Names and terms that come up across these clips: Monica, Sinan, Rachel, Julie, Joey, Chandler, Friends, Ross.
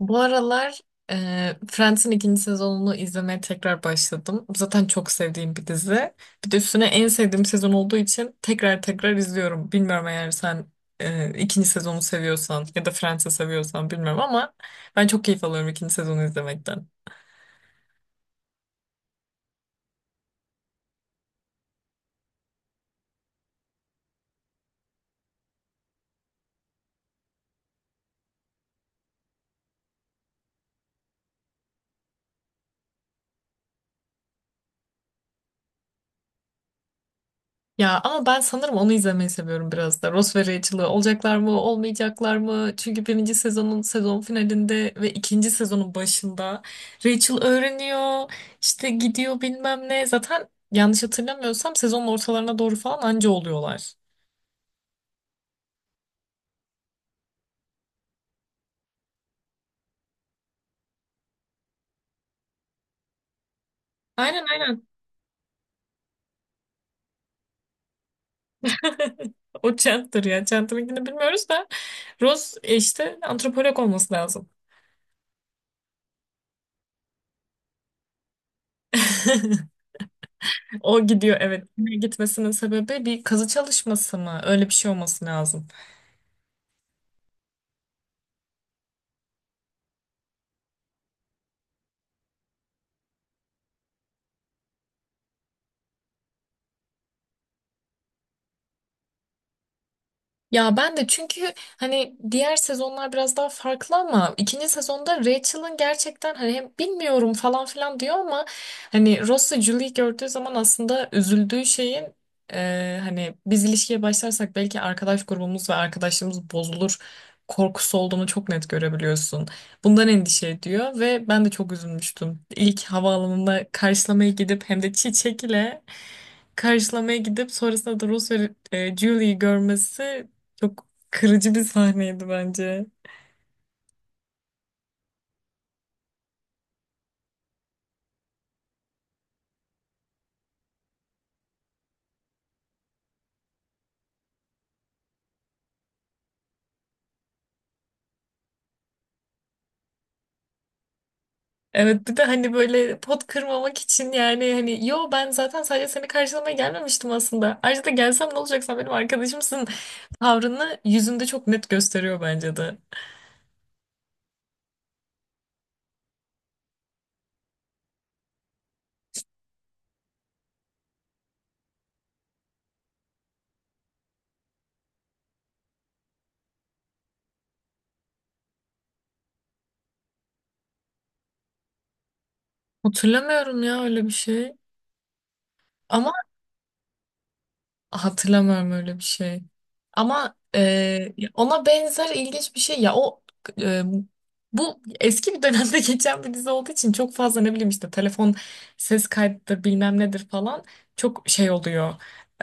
Bu aralar Friends'in ikinci sezonunu izlemeye tekrar başladım. Zaten çok sevdiğim bir dizi. Bir de üstüne en sevdiğim sezon olduğu için tekrar tekrar izliyorum. Bilmiyorum, eğer sen ikinci sezonu seviyorsan ya da Friends'i seviyorsan bilmiyorum ama ben çok keyif alıyorum ikinci sezonu izlemekten. Ya ama ben sanırım onu izlemeyi seviyorum biraz da. Ross ve Rachel'ı, olacaklar mı, olmayacaklar mı? Çünkü birinci sezonun sezon finalinde ve ikinci sezonun başında Rachel öğreniyor, işte gidiyor bilmem ne. Zaten yanlış hatırlamıyorsam sezonun ortalarına doğru falan anca oluyorlar. Aynen aynen. O Chandler ya. Chandler'ınkini bilmiyoruz da Ross işte antropolog olması lazım. O gidiyor, evet. Gitmesinin sebebi bir kazı çalışması mı? Öyle bir şey olması lazım. Ya ben de, çünkü hani diğer sezonlar biraz daha farklı ama ikinci sezonda Rachel'ın gerçekten hani hem bilmiyorum falan filan diyor ama hani Ross'u, Julie'yi gördüğü zaman aslında üzüldüğü şeyin hani biz ilişkiye başlarsak belki arkadaş grubumuz ve arkadaşlığımız bozulur korkusu olduğunu çok net görebiliyorsun. Bundan endişe ediyor ve ben de çok üzülmüştüm. İlk havaalanında karşılamaya gidip hem de çiçek ile karşılamaya gidip sonrasında da Ross ve Julie'yi görmesi çok kırıcı bir sahneydi bence. Evet, bir de hani böyle pot kırmamak için, yani hani yo ben zaten sadece seni karşılamaya gelmemiştim aslında. Ayrıca da gelsem ne olacak, sen benim arkadaşımsın tavrını yüzünde çok net gösteriyor bence de. Hatırlamıyorum ya öyle bir şey. Ama hatırlamıyorum öyle bir şey. Ama ona benzer ilginç bir şey ya, e, bu eski bir dönemde geçen bir dizi olduğu için çok fazla ne bileyim işte telefon, ses kaydıdır bilmem nedir falan çok şey oluyor.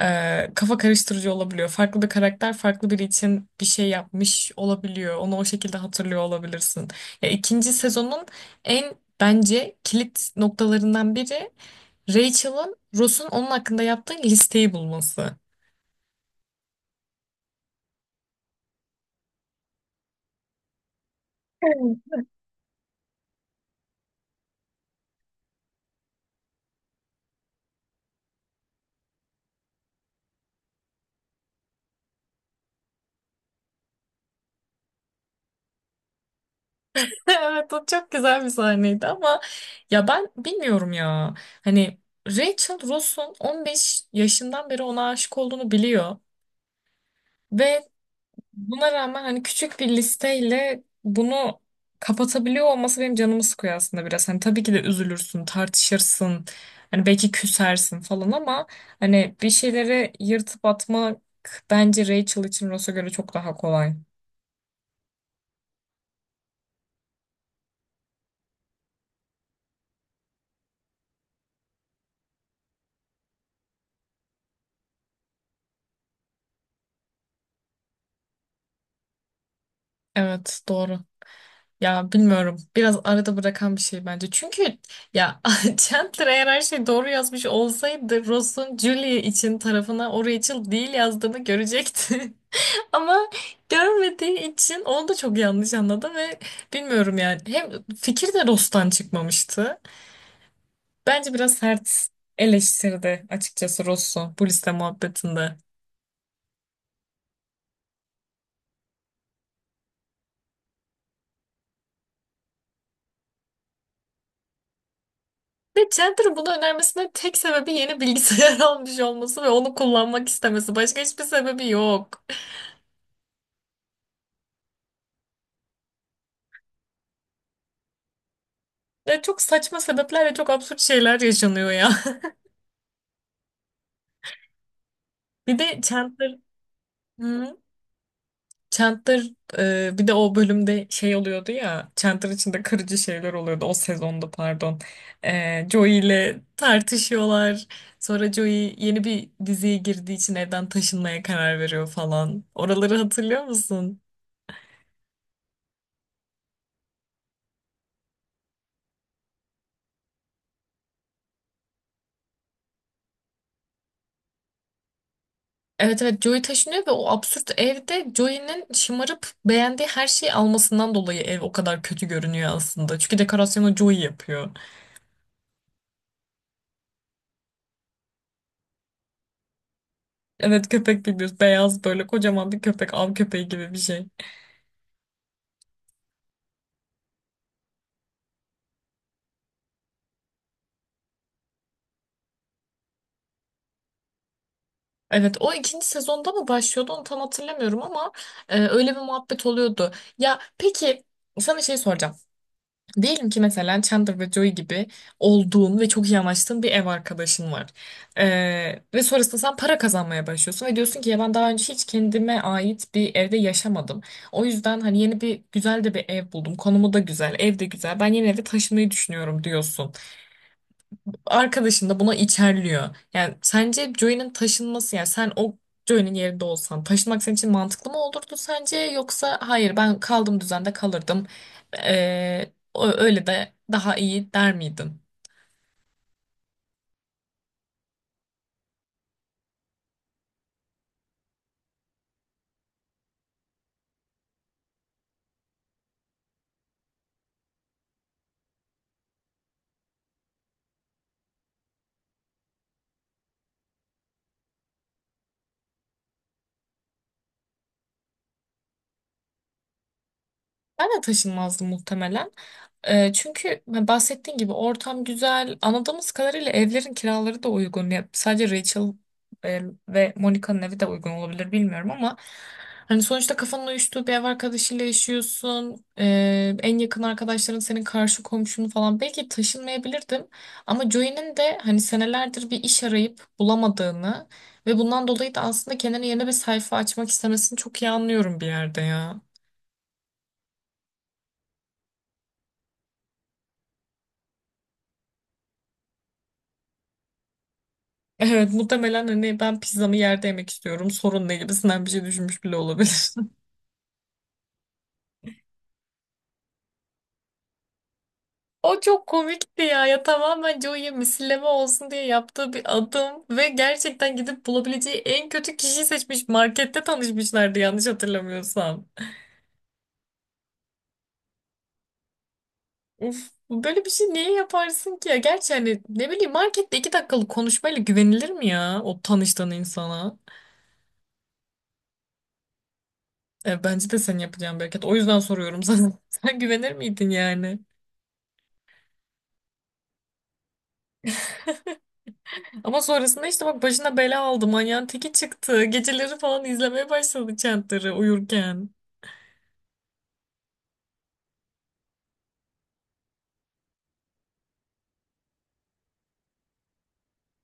Kafa karıştırıcı olabiliyor. Farklı bir karakter farklı biri için bir şey yapmış olabiliyor. Onu o şekilde hatırlıyor olabilirsin. Ya ikinci sezonun en bence kilit noktalarından biri Rachel'ın Ross'un onun hakkında yaptığı listeyi bulması. Evet, o çok güzel bir sahneydi ama ya ben bilmiyorum ya. Hani Rachel, Ross'un 15 yaşından beri ona aşık olduğunu biliyor ve buna rağmen hani küçük bir listeyle bunu kapatabiliyor olması benim canımı sıkıyor aslında biraz. Hani tabii ki de üzülürsün, tartışırsın. Hani belki küsersin falan ama hani bir şeyleri yırtıp atmak bence Rachel için Ross'a göre çok daha kolay. Evet, doğru. Ya bilmiyorum. Biraz arada bırakan bir şey bence. Çünkü ya Chandler eğer her şeyi doğru yazmış olsaydı Ross'un Julie için tarafına o Rachel değil yazdığını görecekti. Ama görmediği için onu da çok yanlış anladı ve bilmiyorum yani. Hem fikir de Ross'tan çıkmamıştı. Bence biraz sert eleştirdi açıkçası Ross'u bu liste muhabbetinde. Ve Chandler'ın bunu önermesinin tek sebebi yeni bilgisayar almış olması ve onu kullanmak istemesi. Başka hiçbir sebebi yok. Ya çok saçma sebeplerle çok absürt şeyler yaşanıyor ya. Bir de Chandler, hı? Chandler bir de o bölümde şey oluyordu ya. Chandler içinde kırıcı şeyler oluyordu o sezonda, pardon. Joey ile tartışıyorlar. Sonra Joey yeni bir diziye girdiği için evden taşınmaya karar veriyor falan. Oraları hatırlıyor musun? Evet evet, Joey taşınıyor ve o absürt evde Joey'nin şımarıp beğendiği her şeyi almasından dolayı ev o kadar kötü görünüyor aslında. Çünkü dekorasyonu Joey yapıyor. Evet, köpek bilmiyoruz. Beyaz böyle kocaman bir köpek. Av köpeği gibi bir şey. Evet, o ikinci sezonda mı başlıyordu onu tam hatırlamıyorum ama öyle bir muhabbet oluyordu. Ya peki, sana şey soracağım. Diyelim ki mesela Chandler ve Joey gibi olduğun ve çok iyi anlaştığın bir ev arkadaşın var. Ve sonrasında sen para kazanmaya başlıyorsun ve diyorsun ki ya ben daha önce hiç kendime ait bir evde yaşamadım. O yüzden hani yeni bir güzel de bir ev buldum. Konumu da güzel, ev de güzel. Ben yeni eve taşınmayı düşünüyorum diyorsun, arkadaşın da buna içerliyor. Yani sence Joey'nin taşınması, yani sen o Joey'nin yerinde olsan taşınmak senin için mantıklı mı olurdu sence, yoksa hayır ben kaldığım düzende kalırdım. Ee, öyle de daha iyi der miydin? Ben de taşınmazdım muhtemelen. Çünkü ben bahsettiğin gibi ortam güzel. Anladığımız kadarıyla evlerin kiraları da uygun. Ya, sadece Rachel e, ve Monica'nın evi de uygun olabilir bilmiyorum ama hani sonuçta kafanın uyuştuğu bir ev arkadaşıyla yaşıyorsun. En yakın arkadaşların senin karşı komşun falan. Belki taşınmayabilirdim ama Joey'nin de hani senelerdir bir iş arayıp bulamadığını ve bundan dolayı da aslında kendine yeni bir sayfa açmak istemesini çok iyi anlıyorum bir yerde ya. Evet, muhtemelen hani ben pizzamı yerde yemek istiyorum sorun ne gibisinden bir şey düşünmüş bile olabilir. O çok komikti ya, ya tamamen Joey'e misilleme olsun diye yaptığı bir adım ve gerçekten gidip bulabileceği en kötü kişiyi seçmiş, markette tanışmışlardı yanlış hatırlamıyorsam. Uf, böyle bir şey niye yaparsın ki ya? Gerçi hani ne bileyim, markette iki dakikalık konuşmayla güvenilir mi ya o tanıştığın insana? Bence de senin yapacağın bir hareket. O yüzden soruyorum sana. Sen güvenir miydin yani? Ama sonrasında işte bak başına bela aldı. Manyağın teki çıktı. Geceleri falan izlemeye başladı Chandler'ı uyurken.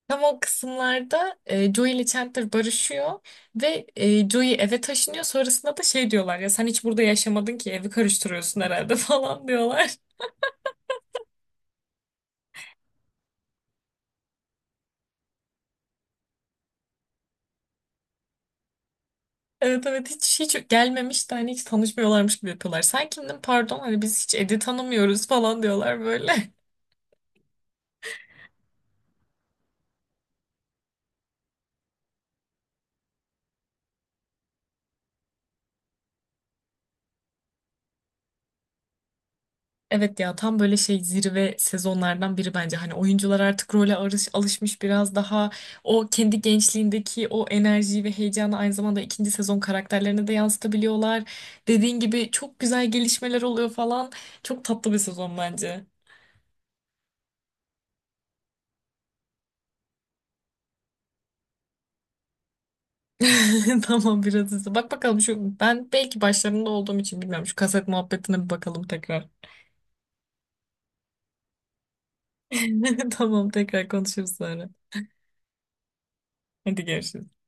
Tam o kısımlarda Joey ile Chandler barışıyor ve Joey eve taşınıyor. Sonrasında da şey diyorlar ya, sen hiç burada yaşamadın ki evi karıştırıyorsun herhalde falan diyorlar. Evet evet, hiç hiç gelmemiş de hani hiç tanışmıyorlarmış gibi yapıyorlar. Sen kimdin pardon, hani biz hiç Ed'i tanımıyoruz falan diyorlar böyle. Evet ya, tam böyle şey zirve sezonlardan biri bence. Hani oyuncular artık role alışmış, biraz daha o kendi gençliğindeki o enerjiyi ve heyecanı aynı zamanda ikinci sezon karakterlerine de yansıtabiliyorlar. Dediğin gibi çok güzel gelişmeler oluyor falan. Çok tatlı bir sezon bence. Tamam, biraz hızlı. Bak bakalım şu, ben belki başlarında olduğum için bilmiyorum. Şu kaset muhabbetine bir bakalım tekrar. Tamam, tekrar konuşuruz sonra. Hadi görüşürüz.